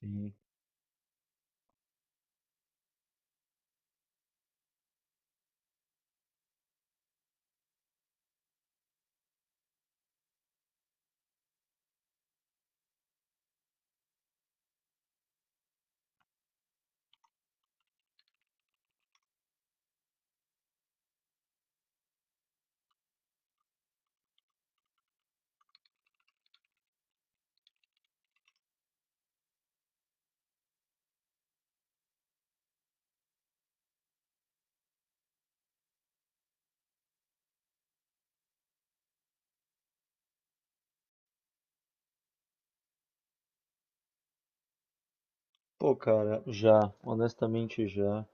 Sim. Pô, cara, já, honestamente já.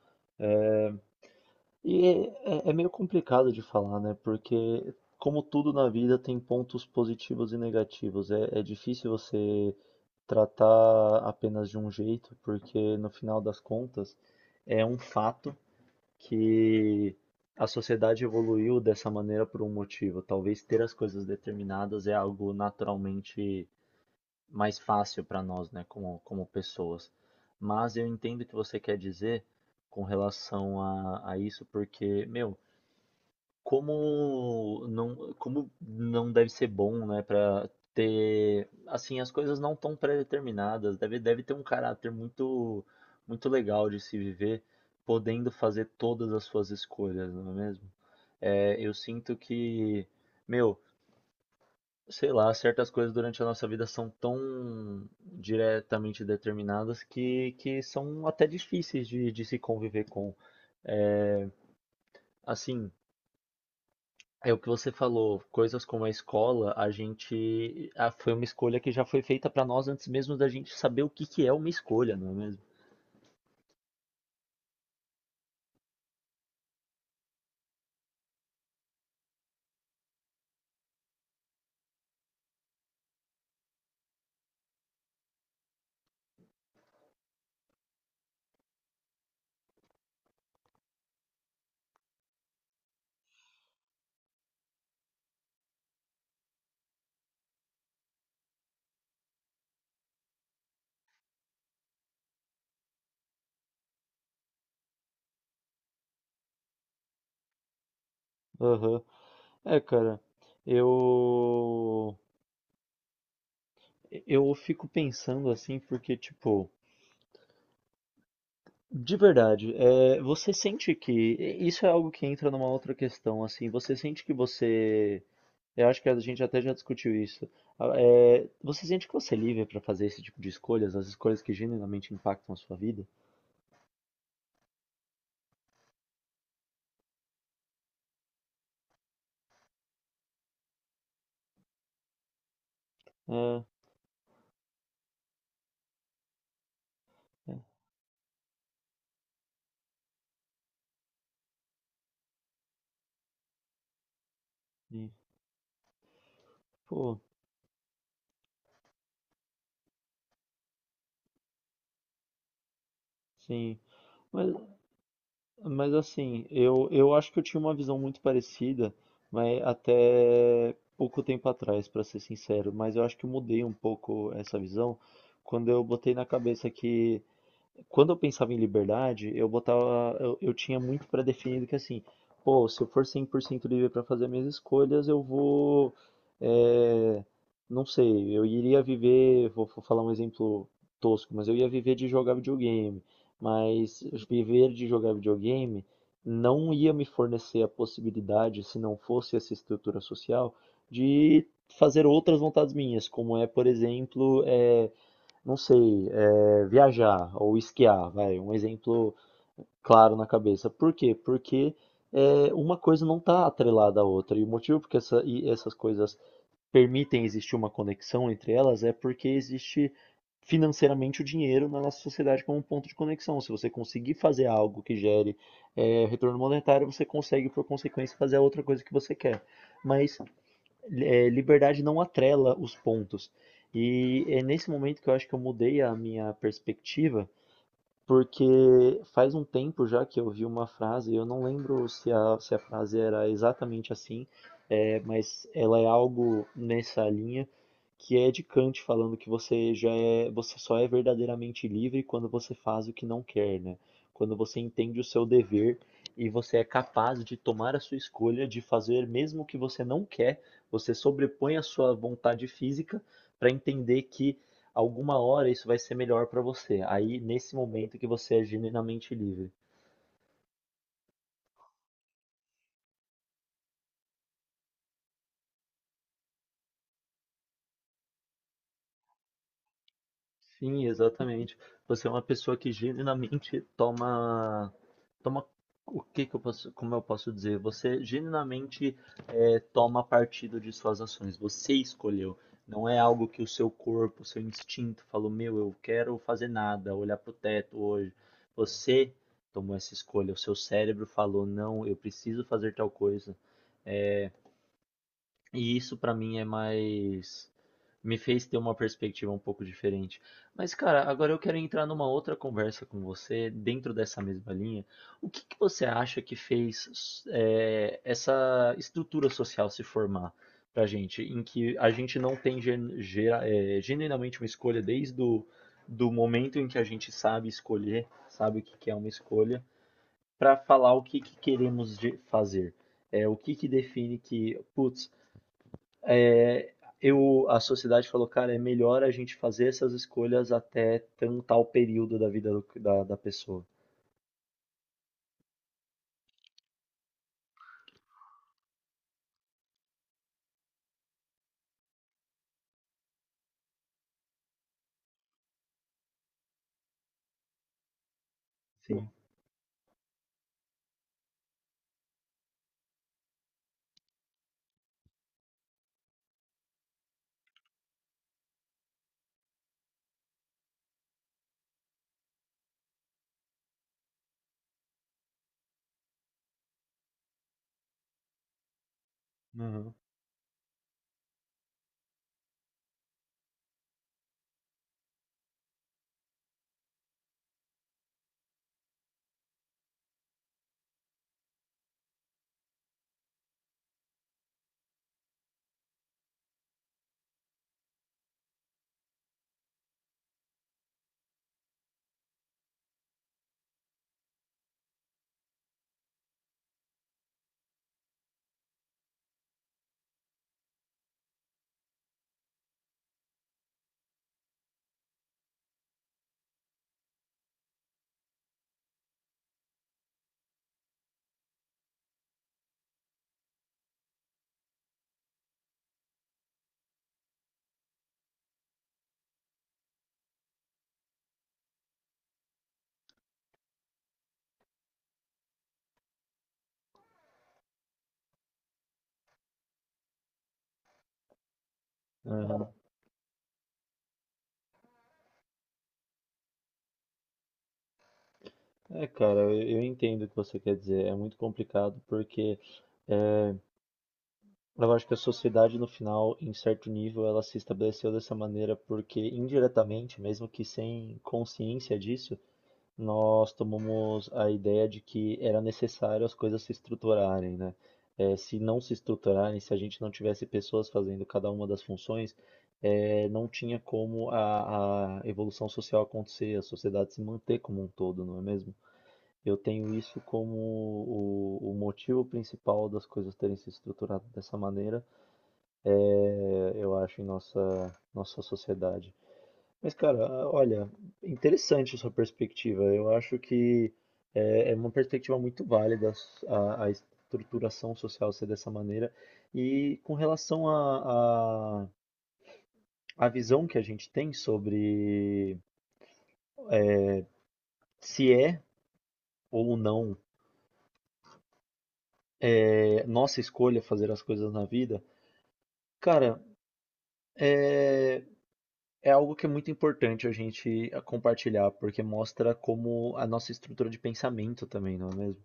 É meio complicado de falar, né? Porque, como tudo na vida, tem pontos positivos e negativos. É difícil você tratar apenas de um jeito, porque no final das contas é um fato que a sociedade evoluiu dessa maneira por um motivo. Talvez ter as coisas determinadas é algo naturalmente mais fácil para nós, né, como pessoas. Mas eu entendo o que você quer dizer com relação a isso, porque, meu, como não deve ser bom, né, para ter, assim, as coisas não tão pré-determinadas, deve ter um caráter muito legal de se viver, podendo fazer todas as suas escolhas, não é mesmo? É, eu sinto que, meu, sei lá, certas coisas durante a nossa vida são tão diretamente determinadas que são até difíceis de se conviver com. É, assim, é o que você falou, coisas como a escola, foi uma escolha que já foi feita para nós antes mesmo da gente saber o que que é uma escolha, não é mesmo? Aham. É, cara, eu eu fico pensando assim porque tipo de verdade, você sente que isso é algo que entra numa outra questão, assim, você sente que você, eu acho que a gente até já discutiu isso. Você sente que você é livre para fazer esse tipo de escolhas, as escolhas que genuinamente impactam a sua vida? É, é, sim. Pô, sim. Mas, mas assim, eu acho que eu tinha uma visão muito parecida, mas até pouco tempo atrás, para ser sincero. Mas eu acho que eu mudei um pouco essa visão quando eu botei na cabeça que quando eu pensava em liberdade, eu tinha muito pré-definido que assim, pô, se eu for 100% livre para fazer minhas escolhas, é, não sei, eu iria viver, vou falar um exemplo tosco, mas eu ia viver de jogar videogame, mas viver de jogar videogame não ia me fornecer a possibilidade, se não fosse essa estrutura social, de fazer outras vontades minhas, como por exemplo, não sei, viajar ou esquiar, vai, um exemplo claro na cabeça. Por quê? Porque uma coisa não está atrelada à outra. E o motivo porque essas coisas permitem existir uma conexão entre elas é porque existe financeiramente o dinheiro na nossa sociedade como um ponto de conexão. Se você conseguir fazer algo que gere retorno monetário, você consegue, por consequência, fazer a outra coisa que você quer. Mas liberdade não atrela os pontos. E é nesse momento que eu acho que eu mudei a minha perspectiva porque faz um tempo já que eu vi uma frase, eu não lembro se a frase era exatamente assim, mas ela é algo nessa linha que é de Kant falando que você só é verdadeiramente livre quando você faz o que não quer, né? Quando você entende o seu dever e você é capaz de tomar a sua escolha de fazer mesmo o que você não quer, você sobrepõe a sua vontade física para entender que alguma hora isso vai ser melhor para você. Aí, nesse momento que você é genuinamente livre. Sim, exatamente. Você é uma pessoa que genuinamente toma o que que eu posso, como eu posso dizer? Você genuinamente toma partido de suas ações. Você escolheu. Não é algo que o seu corpo, o seu instinto falou, meu, eu quero fazer nada, olhar pro teto hoje. Você tomou essa escolha. O seu cérebro falou, não, eu preciso fazer tal coisa. E isso pra mim é mais me fez ter uma perspectiva um pouco diferente. Mas cara, agora eu quero entrar numa outra conversa com você dentro dessa mesma linha. O que que você acha que fez essa estrutura social se formar pra gente, em que a gente não tem genuinamente uma escolha desde o do momento em que a gente sabe escolher, sabe o que que é uma escolha, pra falar o que que queremos fazer. É o que que define que, putz, é, a sociedade falou, cara, é melhor a gente fazer essas escolhas até tal período da vida da pessoa. Sim. Aham. Aham. É, cara, eu entendo o que você quer dizer. É muito complicado porque eu acho que a sociedade, no final, em certo nível, ela se estabeleceu dessa maneira porque, indiretamente, mesmo que sem consciência disso, nós tomamos a ideia de que era necessário as coisas se estruturarem, né? Se não se estruturarem, se a gente não tivesse pessoas fazendo cada uma das funções, não tinha como a evolução social acontecer, a sociedade se manter como um todo, não é mesmo? Eu tenho isso como o motivo principal das coisas terem se estruturado dessa maneira, eu acho, em nossa sociedade. Mas, cara, olha, interessante a sua perspectiva. Eu acho que é uma perspectiva muito válida a estruturação social ser dessa maneira. E com relação à visão que a gente tem sobre se é ou não nossa escolha fazer as coisas na vida, cara, é, é algo que é muito importante a gente compartilhar, porque mostra como a nossa estrutura de pensamento também, não é mesmo?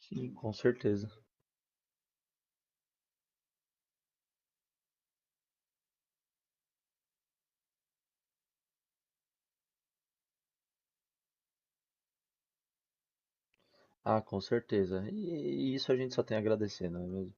Sim. Com certeza. Ah, com certeza. E isso a gente só tem a agradecer, não é mesmo?